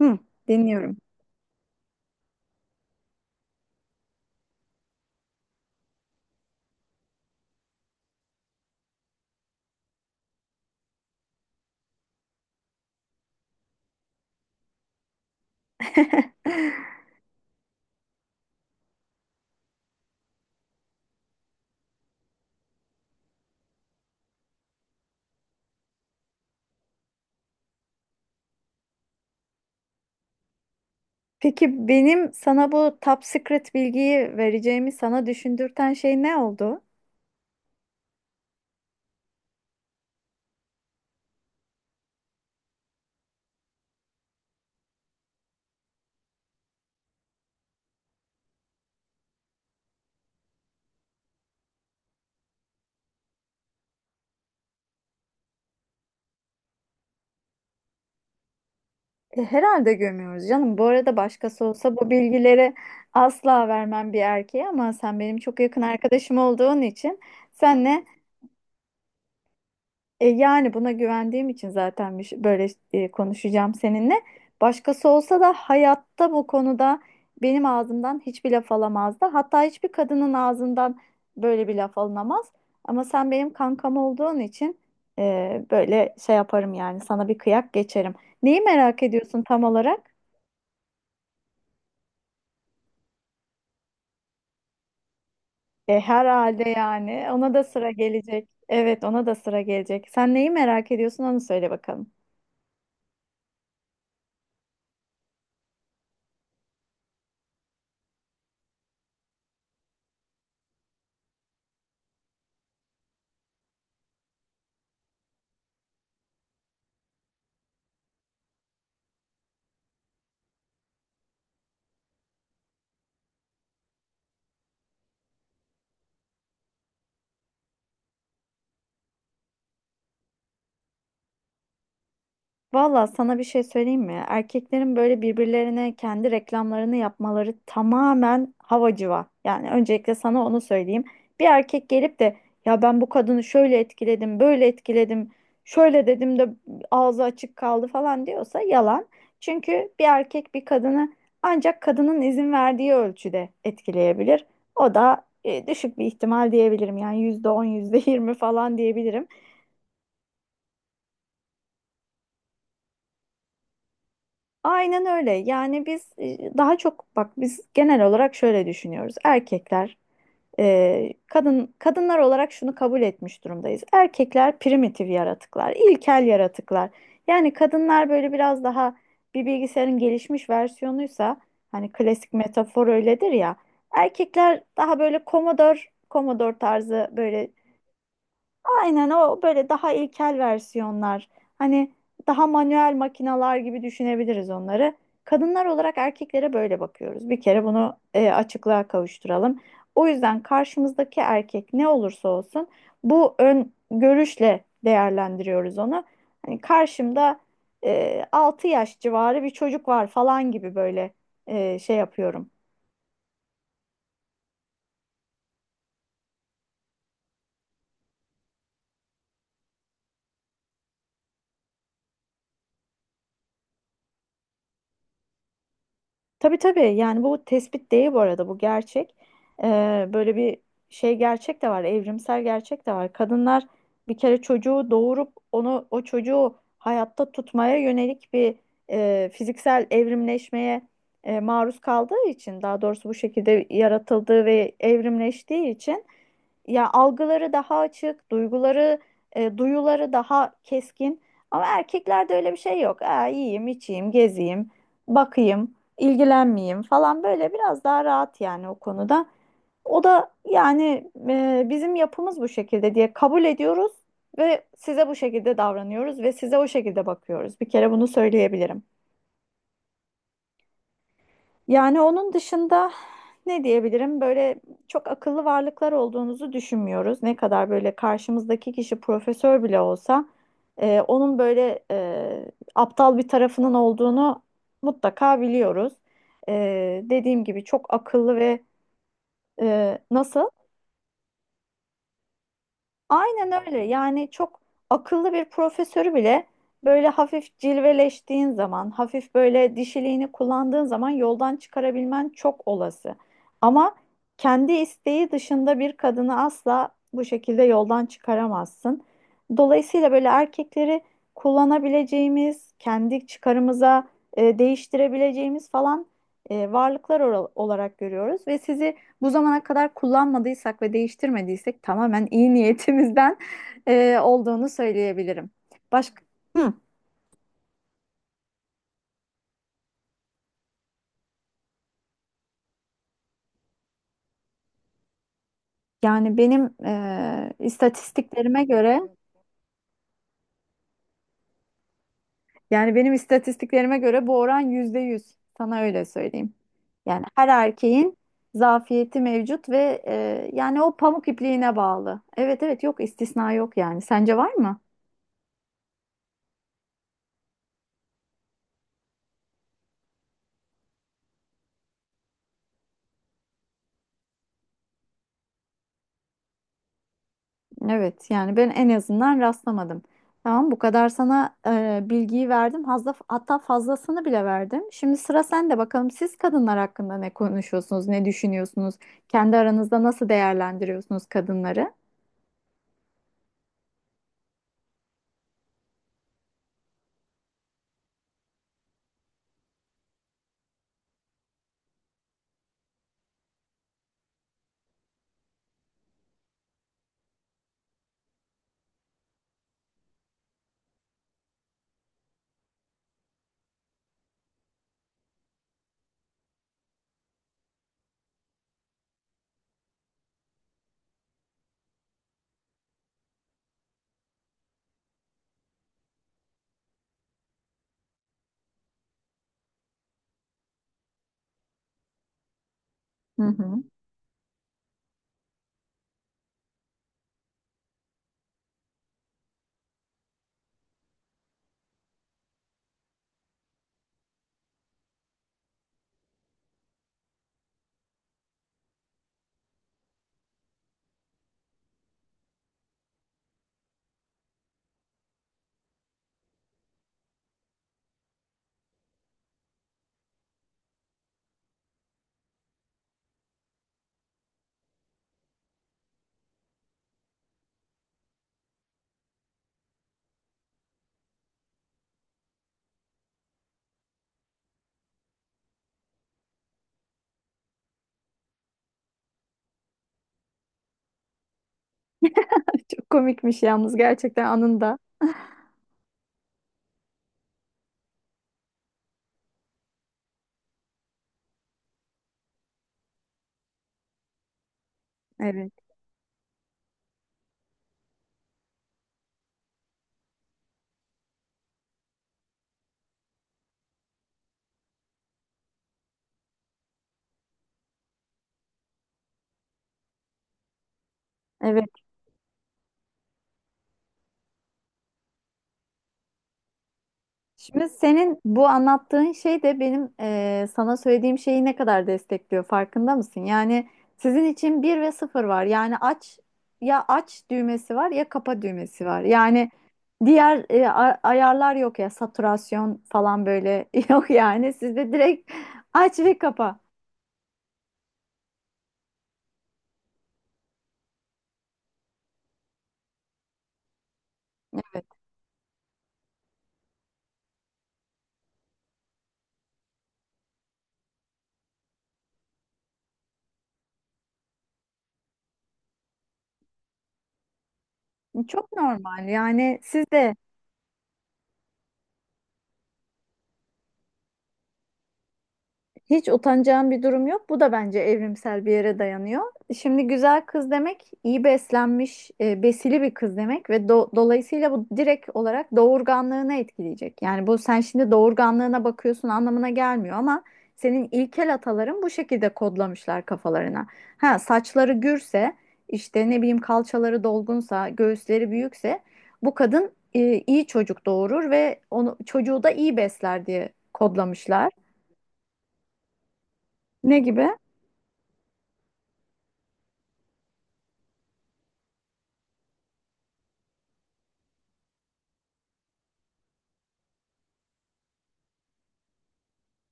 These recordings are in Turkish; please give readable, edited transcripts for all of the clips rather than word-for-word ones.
Hı, dinliyorum. Peki benim sana bu top secret bilgiyi vereceğimi sana düşündürten şey ne oldu? Herhalde gömüyoruz canım. Bu arada başkası olsa bu bilgileri asla vermem bir erkeğe, ama sen benim çok yakın arkadaşım olduğun için senle. Yani buna güvendiğim için zaten böyle konuşacağım seninle. Başkası olsa da hayatta bu konuda benim ağzımdan hiçbir laf alamazdı. Hatta hiçbir kadının ağzından böyle bir laf alınamaz. Ama sen benim kankam olduğun için böyle şey yaparım yani, sana bir kıyak geçerim. Neyi merak ediyorsun tam olarak? Herhalde yani ona da sıra gelecek. Evet, ona da sıra gelecek. Sen neyi merak ediyorsun onu söyle bakalım. Valla sana bir şey söyleyeyim mi? Erkeklerin böyle birbirlerine kendi reklamlarını yapmaları tamamen havacıva. Yani öncelikle sana onu söyleyeyim. Bir erkek gelip de "ya ben bu kadını şöyle etkiledim, böyle etkiledim, şöyle dedim de ağzı açık kaldı" falan diyorsa yalan. Çünkü bir erkek bir kadını ancak kadının izin verdiği ölçüde etkileyebilir. O da düşük bir ihtimal, diyebilirim. Yani %10, yüzde yirmi falan diyebilirim. Aynen öyle. Yani biz daha çok, bak, biz genel olarak şöyle düşünüyoruz. Erkekler kadınlar olarak şunu kabul etmiş durumdayız: erkekler primitif yaratıklar, ilkel yaratıklar. Yani kadınlar böyle biraz daha bir bilgisayarın gelişmiş versiyonuysa, hani klasik metafor öyledir ya, erkekler daha böyle Commodore tarzı böyle. Aynen o, böyle daha ilkel versiyonlar. Hani daha manuel makinalar gibi düşünebiliriz onları. Kadınlar olarak erkeklere böyle bakıyoruz. Bir kere bunu açıklığa kavuşturalım. O yüzden karşımızdaki erkek ne olursa olsun bu ön görüşle değerlendiriyoruz onu. Hani karşımda 6 yaş civarı bir çocuk var falan gibi böyle şey yapıyorum. Tabii tabii, yani bu tespit değil bu arada, bu gerçek. Böyle bir şey, gerçek de var, evrimsel gerçek de var. Kadınlar bir kere çocuğu doğurup onu, o çocuğu hayatta tutmaya yönelik bir fiziksel evrimleşmeye maruz kaldığı için, daha doğrusu bu şekilde yaratıldığı ve evrimleştiği için, ya, algıları daha açık, duyguları, duyuları daha keskin. Ama erkeklerde öyle bir şey yok. Aa, yiyeyim, içeyim, gezeyim, bakayım, ilgilenmeyeyim falan, böyle biraz daha rahat yani o konuda. O da, yani, bizim yapımız bu şekilde diye kabul ediyoruz ve size bu şekilde davranıyoruz ve size o şekilde bakıyoruz. Bir kere bunu söyleyebilirim. Yani onun dışında ne diyebilirim? Böyle çok akıllı varlıklar olduğunuzu düşünmüyoruz. Ne kadar böyle karşımızdaki kişi profesör bile olsa onun böyle aptal bir tarafının olduğunu mutlaka biliyoruz. Dediğim gibi çok akıllı ve Nasıl? Aynen öyle. Yani çok akıllı bir profesörü bile böyle hafif cilveleştiğin zaman, hafif böyle dişiliğini kullandığın zaman yoldan çıkarabilmen çok olası. Ama kendi isteği dışında bir kadını asla bu şekilde yoldan çıkaramazsın. Dolayısıyla böyle erkekleri kullanabileceğimiz, kendi çıkarımıza değiştirebileceğimiz falan varlıklar olarak görüyoruz ve sizi bu zamana kadar kullanmadıysak ve değiştirmediysek tamamen iyi niyetimizden olduğunu söyleyebilirim. Başka. Hı. yani benim e, istatistiklerime göre yani benim istatistiklerime göre bu oran %100. Sana öyle söyleyeyim. Yani her erkeğin zafiyeti mevcut ve yani o pamuk ipliğine bağlı. Evet evet, yok, istisna yok yani. Sence var mı? Evet, yani ben en azından rastlamadım. Tamam, bu kadar sana bilgiyi verdim. Fazla, hatta fazlasını bile verdim. Şimdi sıra sende bakalım, siz kadınlar hakkında ne konuşuyorsunuz, ne düşünüyorsunuz? Kendi aranızda nasıl değerlendiriyorsunuz kadınları? Hı hı. Çok komikmiş yalnız, gerçekten, anında. Evet. Evet. Şimdi senin bu anlattığın şey de benim sana söylediğim şeyi ne kadar destekliyor farkında mısın? Yani sizin için bir ve sıfır var. Yani aç, ya aç düğmesi var ya kapa düğmesi var. Yani diğer ayarlar yok, ya saturasyon falan böyle yok yani. Sizde direkt aç ve kapa. Evet. Çok normal yani, siz de. Hiç utanacağım bir durum yok. Bu da bence evrimsel bir yere dayanıyor. Şimdi güzel kız demek iyi beslenmiş, besili bir kız demek ve dolayısıyla bu direkt olarak doğurganlığını etkileyecek. Yani bu, sen şimdi doğurganlığına bakıyorsun anlamına gelmiyor, ama senin ilkel ataların bu şekilde kodlamışlar kafalarına. Ha, saçları gürse, işte ne bileyim, kalçaları dolgunsa, göğüsleri büyükse bu kadın iyi çocuk doğurur ve onu, çocuğu da iyi besler diye kodlamışlar. Ne gibi?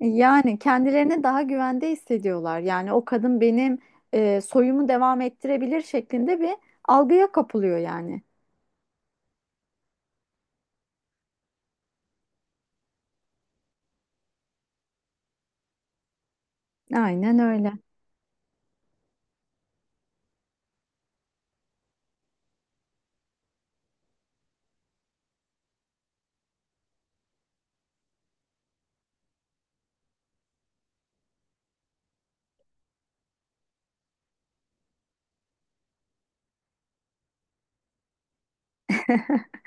Yani kendilerine daha güvende hissediyorlar. Yani o kadın benim soyumu devam ettirebilir şeklinde bir algıya kapılıyor yani. Aynen öyle.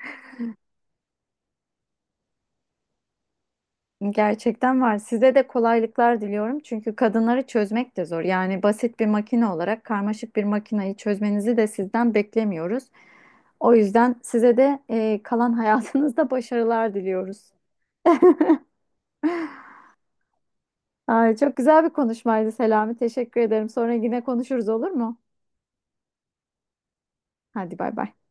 Gerçekten var. Size de kolaylıklar diliyorum. Çünkü kadınları çözmek de zor. Yani basit bir makine olarak karmaşık bir makineyi çözmenizi de sizden beklemiyoruz. O yüzden size de kalan hayatınızda başarılar diliyoruz. Ay, çok güzel bir konuşmaydı Selami. Teşekkür ederim. Sonra yine konuşuruz, olur mu? Hadi bay bay.